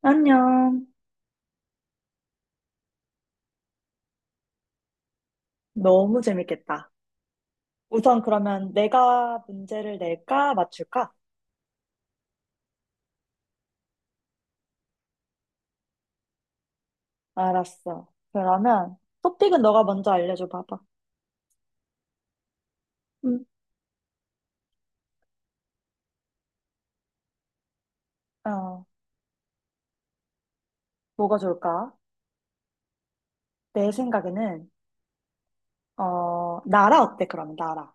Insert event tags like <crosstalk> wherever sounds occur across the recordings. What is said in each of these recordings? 안녕. 너무 재밌겠다. 우선 그러면 내가 문제를 낼까, 맞출까? 알았어. 그러면 토픽은 너가 먼저 알려줘 봐봐. 음, 어, 뭐가 좋을까? 내 생각에는, 나라 어때, 그러면, 나라.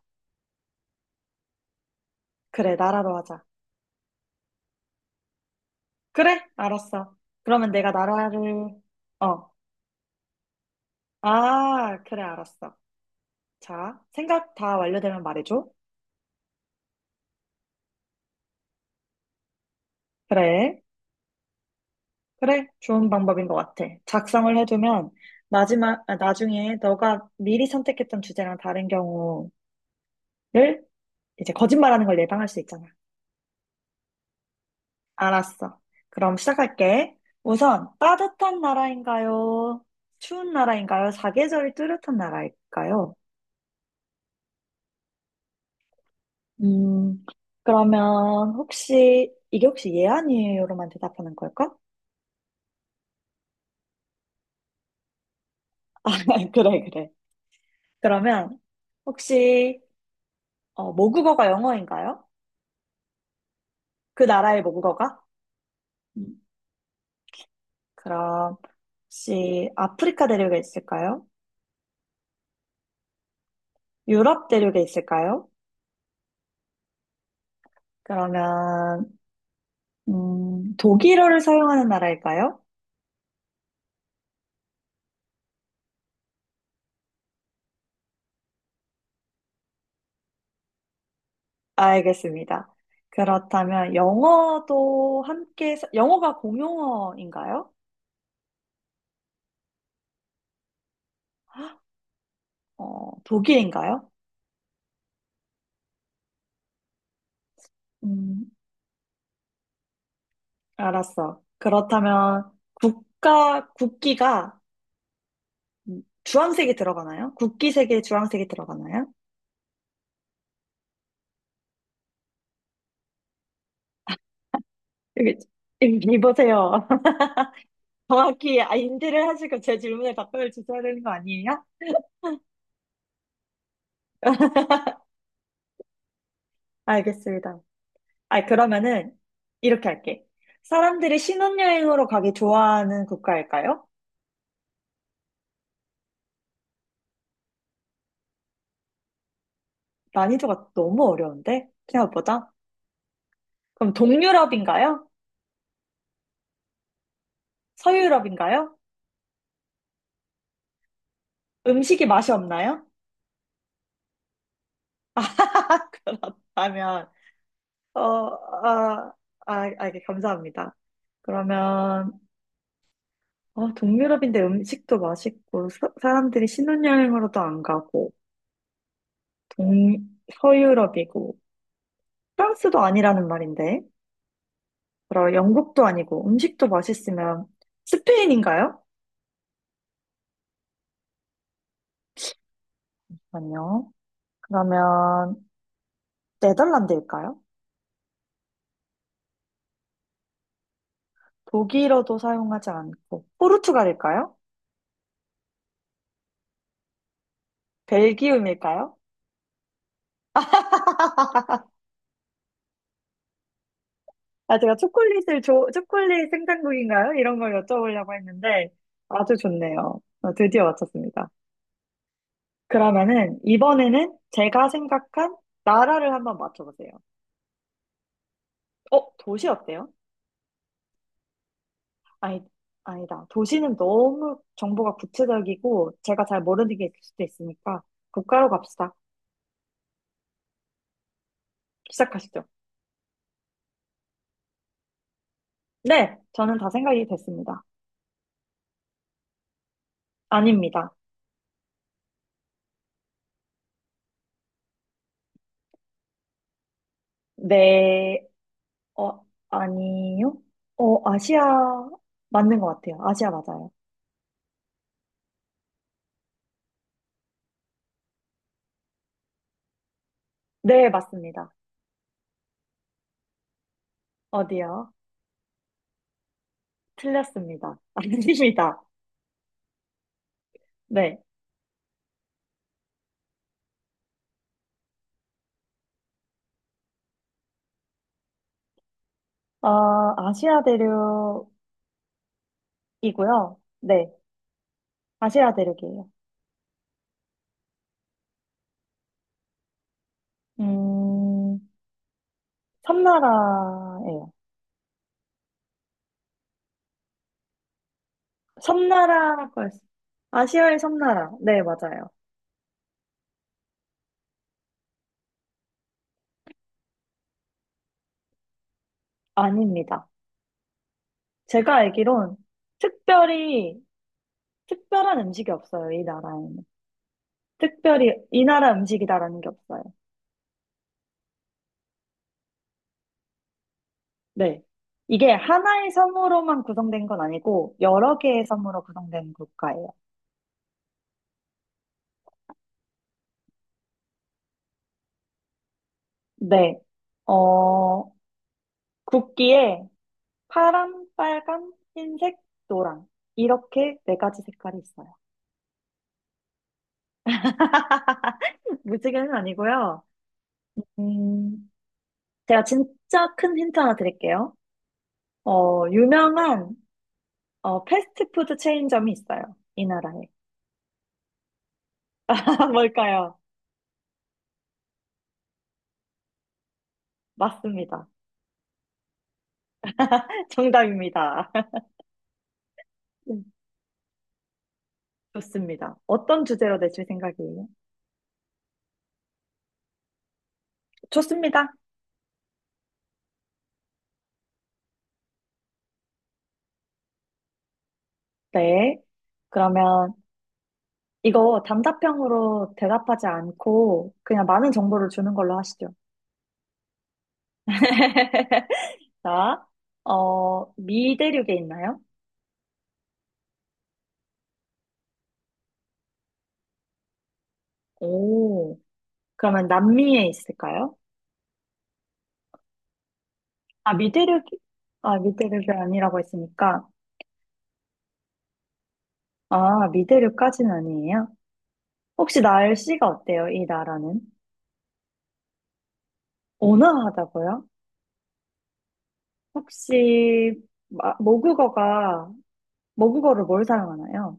그래, 나라로 하자. 그래, 알았어. 그러면 내가 나라를, 어, 아, 그래, 알았어. 자, 생각 다 완료되면 말해줘. 그래. 그래, 좋은 방법인 것 같아. 작성을 해두면 마지막, 아, 나중에 너가 미리 선택했던 주제랑 다른 경우를 이제 거짓말하는 걸 예방할 수 있잖아. 알았어. 그럼 시작할게. 우선 따뜻한 나라인가요? 추운 나라인가요? 사계절이 뚜렷한 나라일까요? 음, 그러면 혹시 이게 혹시 예 아니에요로만 대답하는 걸까? <laughs> 아, 그래, 그래. 그러면 혹시 모국어가 영어인가요? 그 나라의 모국어가? 음. 그럼 혹시 아프리카 대륙에 있을까요? 유럽 대륙에 있을까요? 그러면 독일어를 사용하는 나라일까요? 알겠습니다. 그렇다면 영어도 함께 영어가 공용어인가요? 독일인가요? 음, 알았어. 그렇다면 국가 국기가 주황색이 들어가나요? 국기 색에 주황색이 들어가나요? 여기 여기 보세요. <laughs> 정확히 인지를 하시고 제 질문에 답변을 주셔야 되는 거 아니에요? <laughs> 알겠습니다. 아, 그러면은 이렇게 할게. 사람들이 신혼여행으로 가기 좋아하는 국가일까요? 난이도가 너무 어려운데? 생각보다. 그럼 동유럽인가요? 서유럽인가요? 음식이 맛이 없나요? <laughs> 아, 그렇다면, 어, 아, 예, 감사합니다. 그러면, 동유럽인데 음식도 맛있고, 사람들이 신혼여행으로도 안 가고, 서유럽이고 프랑스도 아니라는 말인데 그럼 영국도 아니고 음식도 맛있으면 스페인인가요? 아니요. 그러면 네덜란드일까요? 독일어도 사용하지 않고 포르투갈일까요? 벨기움일까요? 아, 제가 초콜릿 생산국인가요? 이런 걸 여쭤보려고 했는데 아주 좋네요. 드디어 맞췄습니다. 그러면은 이번에는 제가 생각한 나라를 한번 맞춰보세요. 도시 어때요? 아니, 아니다. 도시는 너무 정보가 구체적이고 제가 잘 모르는 게 있을 수도 있으니까 국가로 갑시다. 시작하시죠. 네, 저는 다 생각이 됐습니다. 아닙니다. 네, 아니요? 아시아 맞는 것 같아요. 아시아 맞아요. 네, 맞습니다. 어디요? 틀렸습니다. <laughs> 아닙니다. 네. 아, 아시아 대륙이고요. 네, 아시아 대륙이에요. 음, 섬나라예요. 섬나라 거였어요. 아시아의 섬나라. 네, 맞아요. 아닙니다. 제가 알기론 특별히, 특별한 음식이 없어요, 이 나라에는. 특별히 이 나라 음식이다라는 게 없어요. 네. 이게 하나의 섬으로만 구성된 건 아니고, 여러 개의 섬으로 구성된 국가예요. 네. 어, 국기에 파란, 빨간, 흰색, 노랑. 이렇게 네 가지 색깔이 있어요. <laughs> 무지개는 아니고요. 음, 제가 진짜 큰 힌트 하나 드릴게요. 유명한 패스트푸드 체인점이 있어요. 이 나라에. <laughs> 뭘까요? 맞습니다. <laughs> 정답입니다. <laughs> 음, 좋습니다. 어떤 주제로 내실 생각이에요? 좋습니다. 네. 그러면 이거 단답형으로 대답하지 않고 그냥 많은 정보를 주는 걸로 하시죠. <laughs> 자, 미 대륙에 있나요? 오, 그러면 남미에 있을까요? 아, 미대륙이, 아, 미대륙이 아니라고 했으니까, 아, 미대륙까지는 아니에요? 혹시 날씨가 어때요, 이 나라는? 온화하다고요? 혹시, 마- 모국어가, 모국어를 뭘 사용하나요?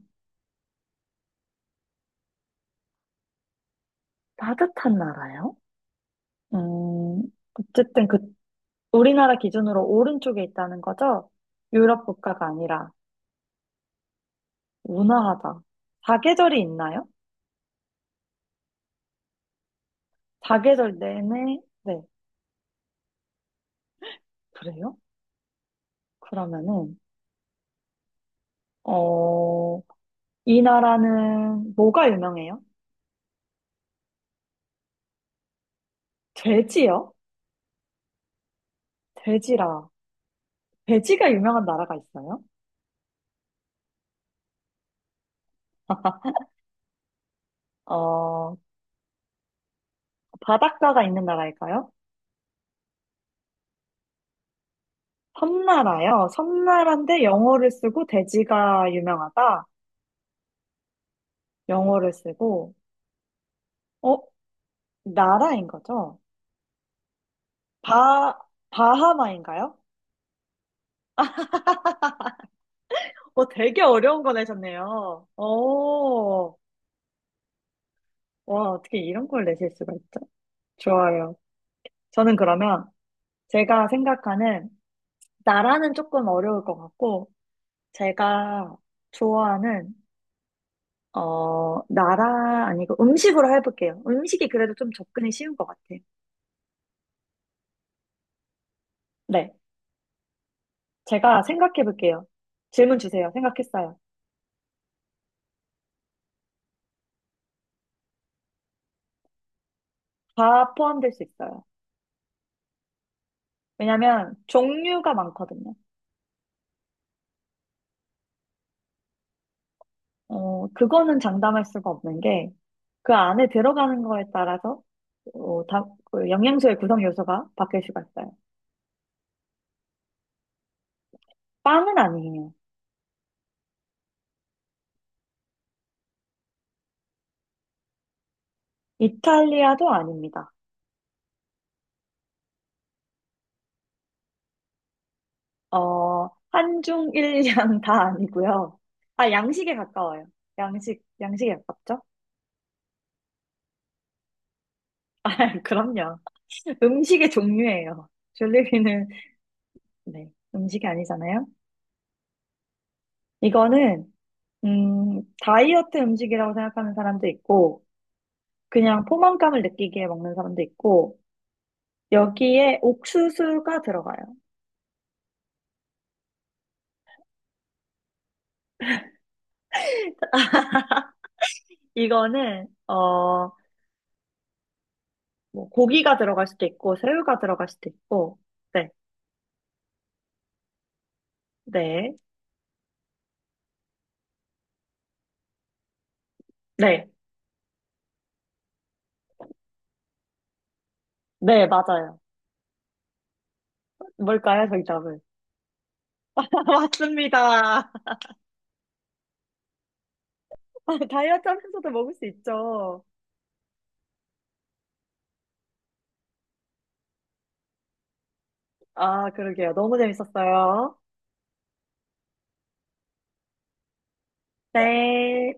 따뜻한 나라요? 음, 어쨌든 우리나라 기준으로 오른쪽에 있다는 거죠? 유럽 국가가 아니라, 온화하다. 사계절이 있나요? 사계절 내내, 네, 그래요? 그러면은, 어, 이 나라는 뭐가 유명해요? 돼지요? 돼지라. 돼지가 유명한 나라가 있어요? 어, 바닷가가 있는 나라일까요? 섬나라요. 섬나라인데 영어를 쓰고 돼지가 유명하다. 영어를 쓰고, 어, 나라인 거죠? 바, 바하마인가요? 되게 어려운 거 내셨네요. 오, 와, 어떻게 이런 걸 내실 수가 있죠? 좋아요. 저는 그러면 제가 생각하는 나라는 조금 어려울 것 같고, 제가 좋아하는, 나라 아니고 음식으로 해볼게요. 음식이 그래도 좀 접근이 쉬운 것 같아요. 네. 제가 생각해볼게요. 질문 주세요. 생각했어요. 다 포함될 수 있어요. 왜냐면 종류가 많거든요. 그거는 장담할 수가 없는 게 그 안에 들어가는 거에 따라서 어, 다, 그 영양소의 구성 요소가 바뀔 수가 있어요. 빵은 아니에요. 이탈리아도 아닙니다. 한중일양 <laughs> 다 아니고요. 아, 양식에 가까워요. 양식에 가깝죠? <laughs> 아, 그럼요. 음식의 종류예요. 줄리비는, 네, 음식이 아니잖아요? 이거는, 다이어트 음식이라고 생각하는 사람도 있고, 그냥 포만감을 느끼기에 먹는 사람도 있고, 여기에 옥수수가 들어가요. 이거는, 뭐, 고기가 들어갈 수도 있고, 새우가 들어갈 수도 있고, 네, 네, 네, 네, 맞아요. 뭘까요, 정답은? <laughs> 맞습니다. <laughs> 다이어트 하면서도 먹을 수 있죠. 아, 그러게요. 너무 재밌었어요. 네.